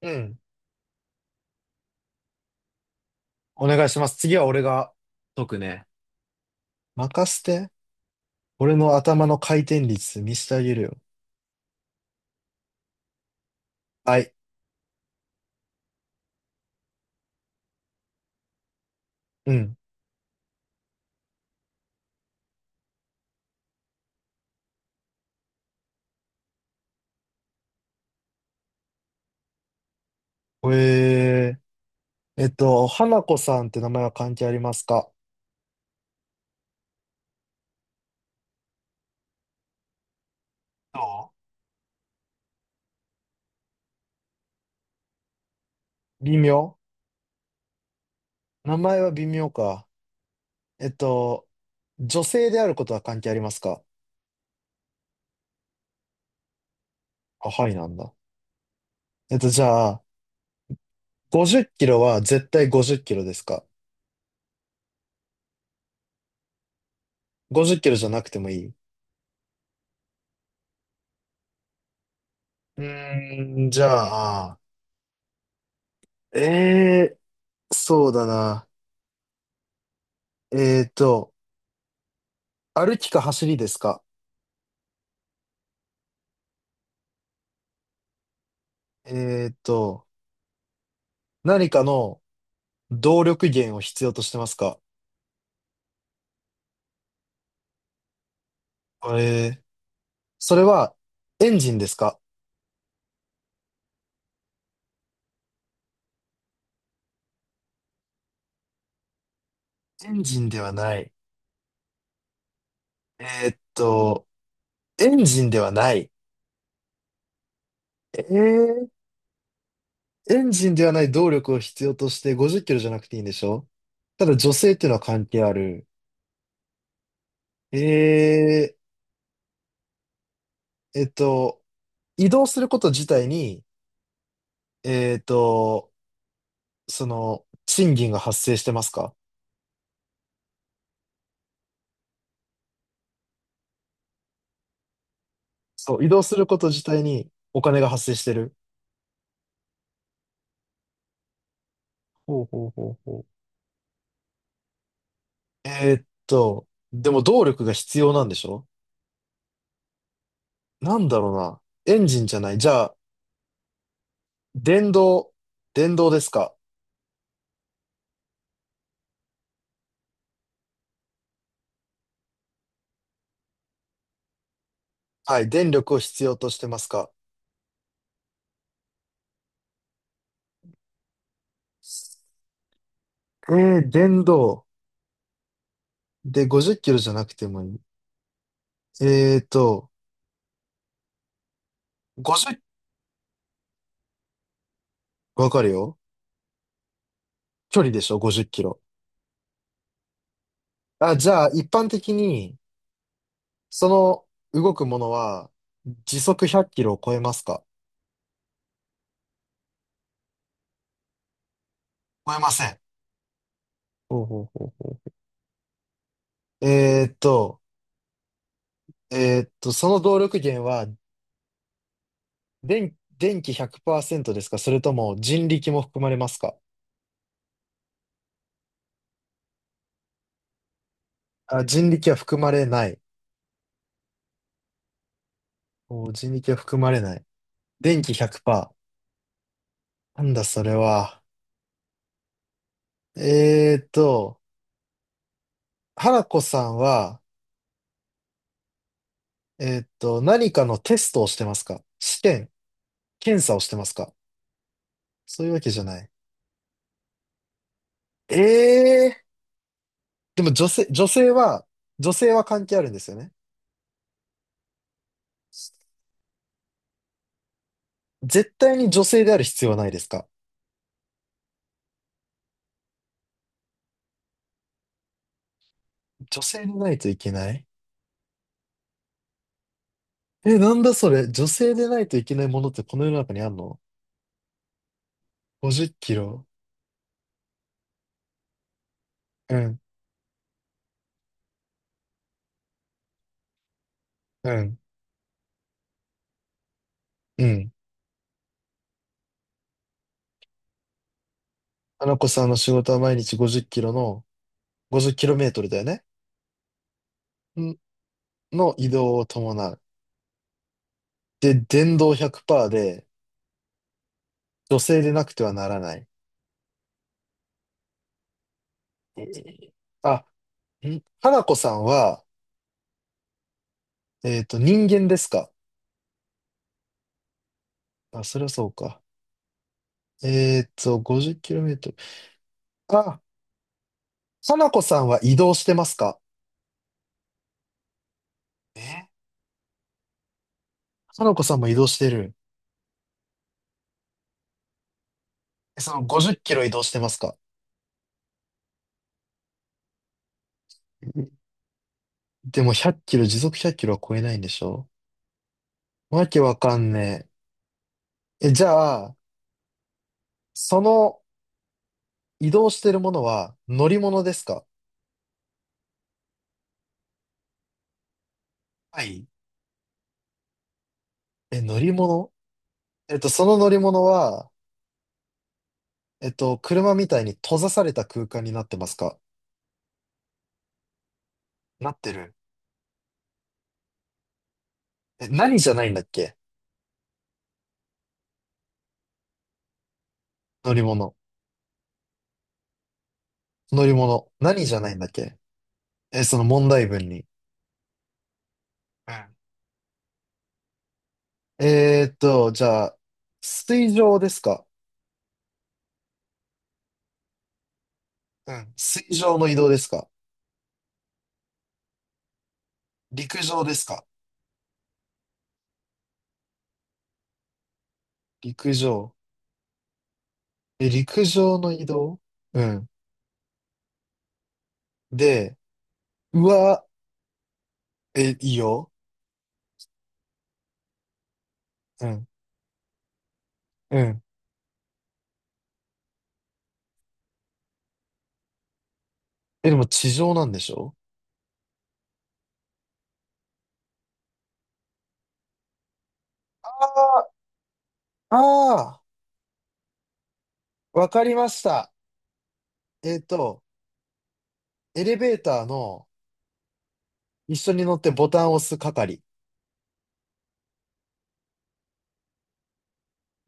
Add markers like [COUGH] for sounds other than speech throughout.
うん。お願いします。次は俺が解くね。任せて。俺の頭の回転率見せてあげるよ。はい。うん。え花子さんって名前は関係ありますか？どう。微妙。名前は微妙か。えっと、女性であることは関係ありますか？あ、はいなんだ。じゃあ、50キロは絶対50キロですか？ 50 キロじゃなくてもいい。じゃあ、えーそうだな。えーと、歩きか走りですか？えーっと、何かの動力源を必要としてますか？えー、それはエンジンですか？エンジンではない。えーっと、エンジンではない。えー、エンジンではない動力を必要として50キロじゃなくていいんでしょ？ただ女性っていうのは関係ある。えー、えっと、移動すること自体に、えーっと、その、賃金が発生してますか？そう、移動すること自体にお金が発生してる。ほうほうほうほう。でも動力が必要なんでしょ？なんだろうな。エンジンじゃない。じゃあ、電動、電動ですか？はい、電力を必要としてますか？え電動。で、50キロじゃなくてもいい。えーっと、50、わかるよ。距離でしょ？ 50 キロ。あ、じゃあ、一般的に、その動くものは、時速100キロを超えますか？超えません。ほほほうううえーっと、その動力源は、電気100%ですか、それとも人力も含まれますか？あ、人力は含まれない。おー、人力は含まれない。電気100%。なんだそれは。えーっと、原子さんは、何かのテストをしてますか？試験、検査をしてますか？そういうわけじゃない。ええー、でも女性は関係あるんですよね。絶対に女性である必要はないですか？女性でないといけない。え、なんだそれ。女性でないといけないものってこの世の中にあんの？ 50 キロ。うん、うん、うん。花子さんの仕事は毎日50キロの、50キロメートルだよね。んの移動を伴う。で、電動100%で女性でなくてはならない。えーあ、花子さんは、人間ですか？あ、それはそうか。50キロメートル。あ、花子さんは移動してますか？え、花子さんも移動してる。え、その50キロ移動してますか？ [LAUGHS] でも100キロ、時速100キロは超えないんでしょ？わけわかんね。え、え、じゃあ、その移動してるものは乗り物ですか？はい。え、乗り物。その乗り物は、車みたいに閉ざされた空間になってますか？なってる。え、何じゃないんだっけ。乗り物。乗り物。何じゃないんだっけ。え、その問題文に。うん。じゃあ、水上ですか？うん。水上の移動ですか？陸上ですか？陸上。え、陸上の移動。うん。で、うわ、え、いいよ。うん。うん。え、でも地上なんでしょ？ああ、ああー、わかりました。えっと、エレベーターの一緒に乗ってボタンを押す係。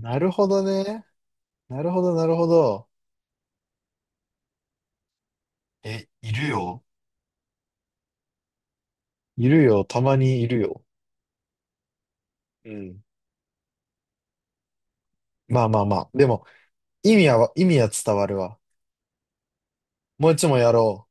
なるほどね。なるほど、なるほど。え、いるよ。いるよ。たまにいるよ。うん。まあまあまあ。でも、意味は伝わるわ。もう一問やろ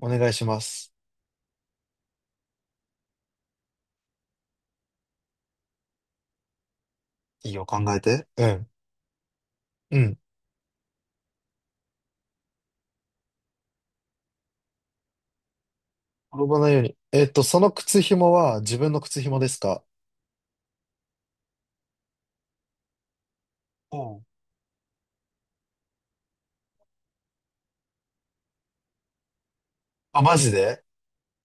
う。お願いします。いいよ、考えて。うん。うん。転ばないように。その靴紐は自分の靴紐ですか？おう。あ、マジで。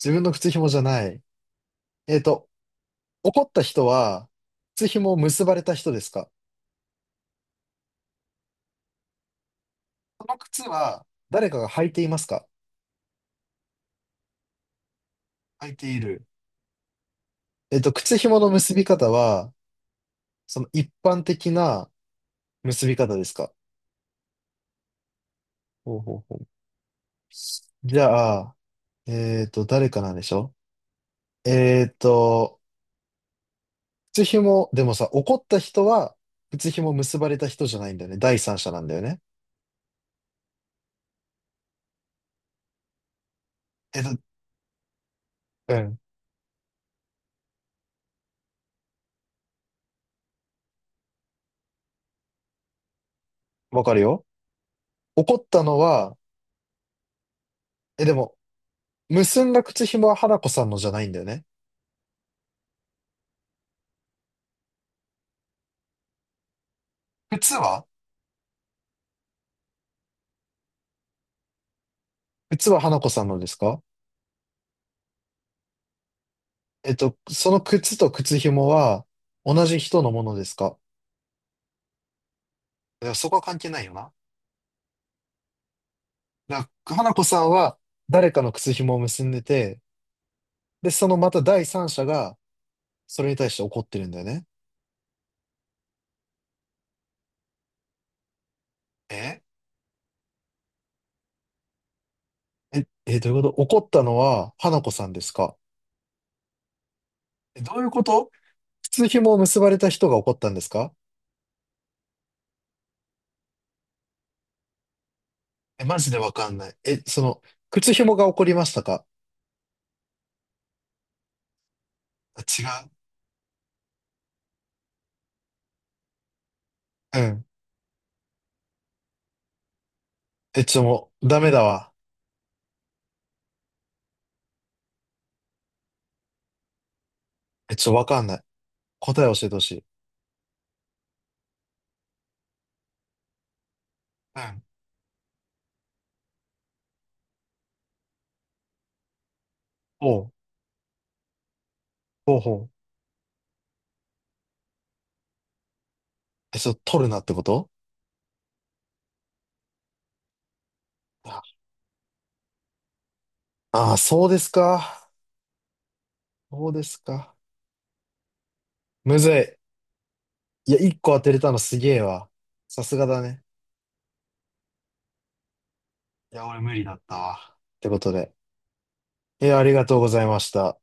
自分の靴紐じゃない。えっと、怒った人は、靴紐を結ばれた人ですか？その靴は、誰かが履いていますか？履いている。靴紐の結び方は、その一般的な結び方ですか？ほうほうほう。じゃあ、誰かなんでしょ？えっと、靴紐、でもさ、怒った人は、靴紐結ばれた人じゃないんだよね。第三者なんだよね。え、だ、うん。わかるよ。怒ったのは、え、でも、結んだ靴紐は花子さんのじゃないんだよね。靴は花子さんのですか？その靴と靴紐は、同じ人のものですか？いや、そこは関係ないよな。だから、花子さんは、誰かの靴紐を結んでて、で、そのまた第三者が、それに対して怒ってるんだよね。ええ、え、どういうこと。怒ったのは、花子さんですか？え、どういうこと。靴紐を結ばれた人が怒ったんですか？え、マジでわかんない。え、その、靴紐が怒りましたか？あ、違う。うん。え、ちょ、もう、ダメだわ。え、ちょ、わかんない。答え教えてほしい。うん。おう、ほうほう。え、ちょ、取るなってこと？ああー、そうですか。そうですか。むずい。いや、一個当てれたのすげえわ。さすがだね。いや、俺無理だったわ。ってことで。え、ありがとうございました。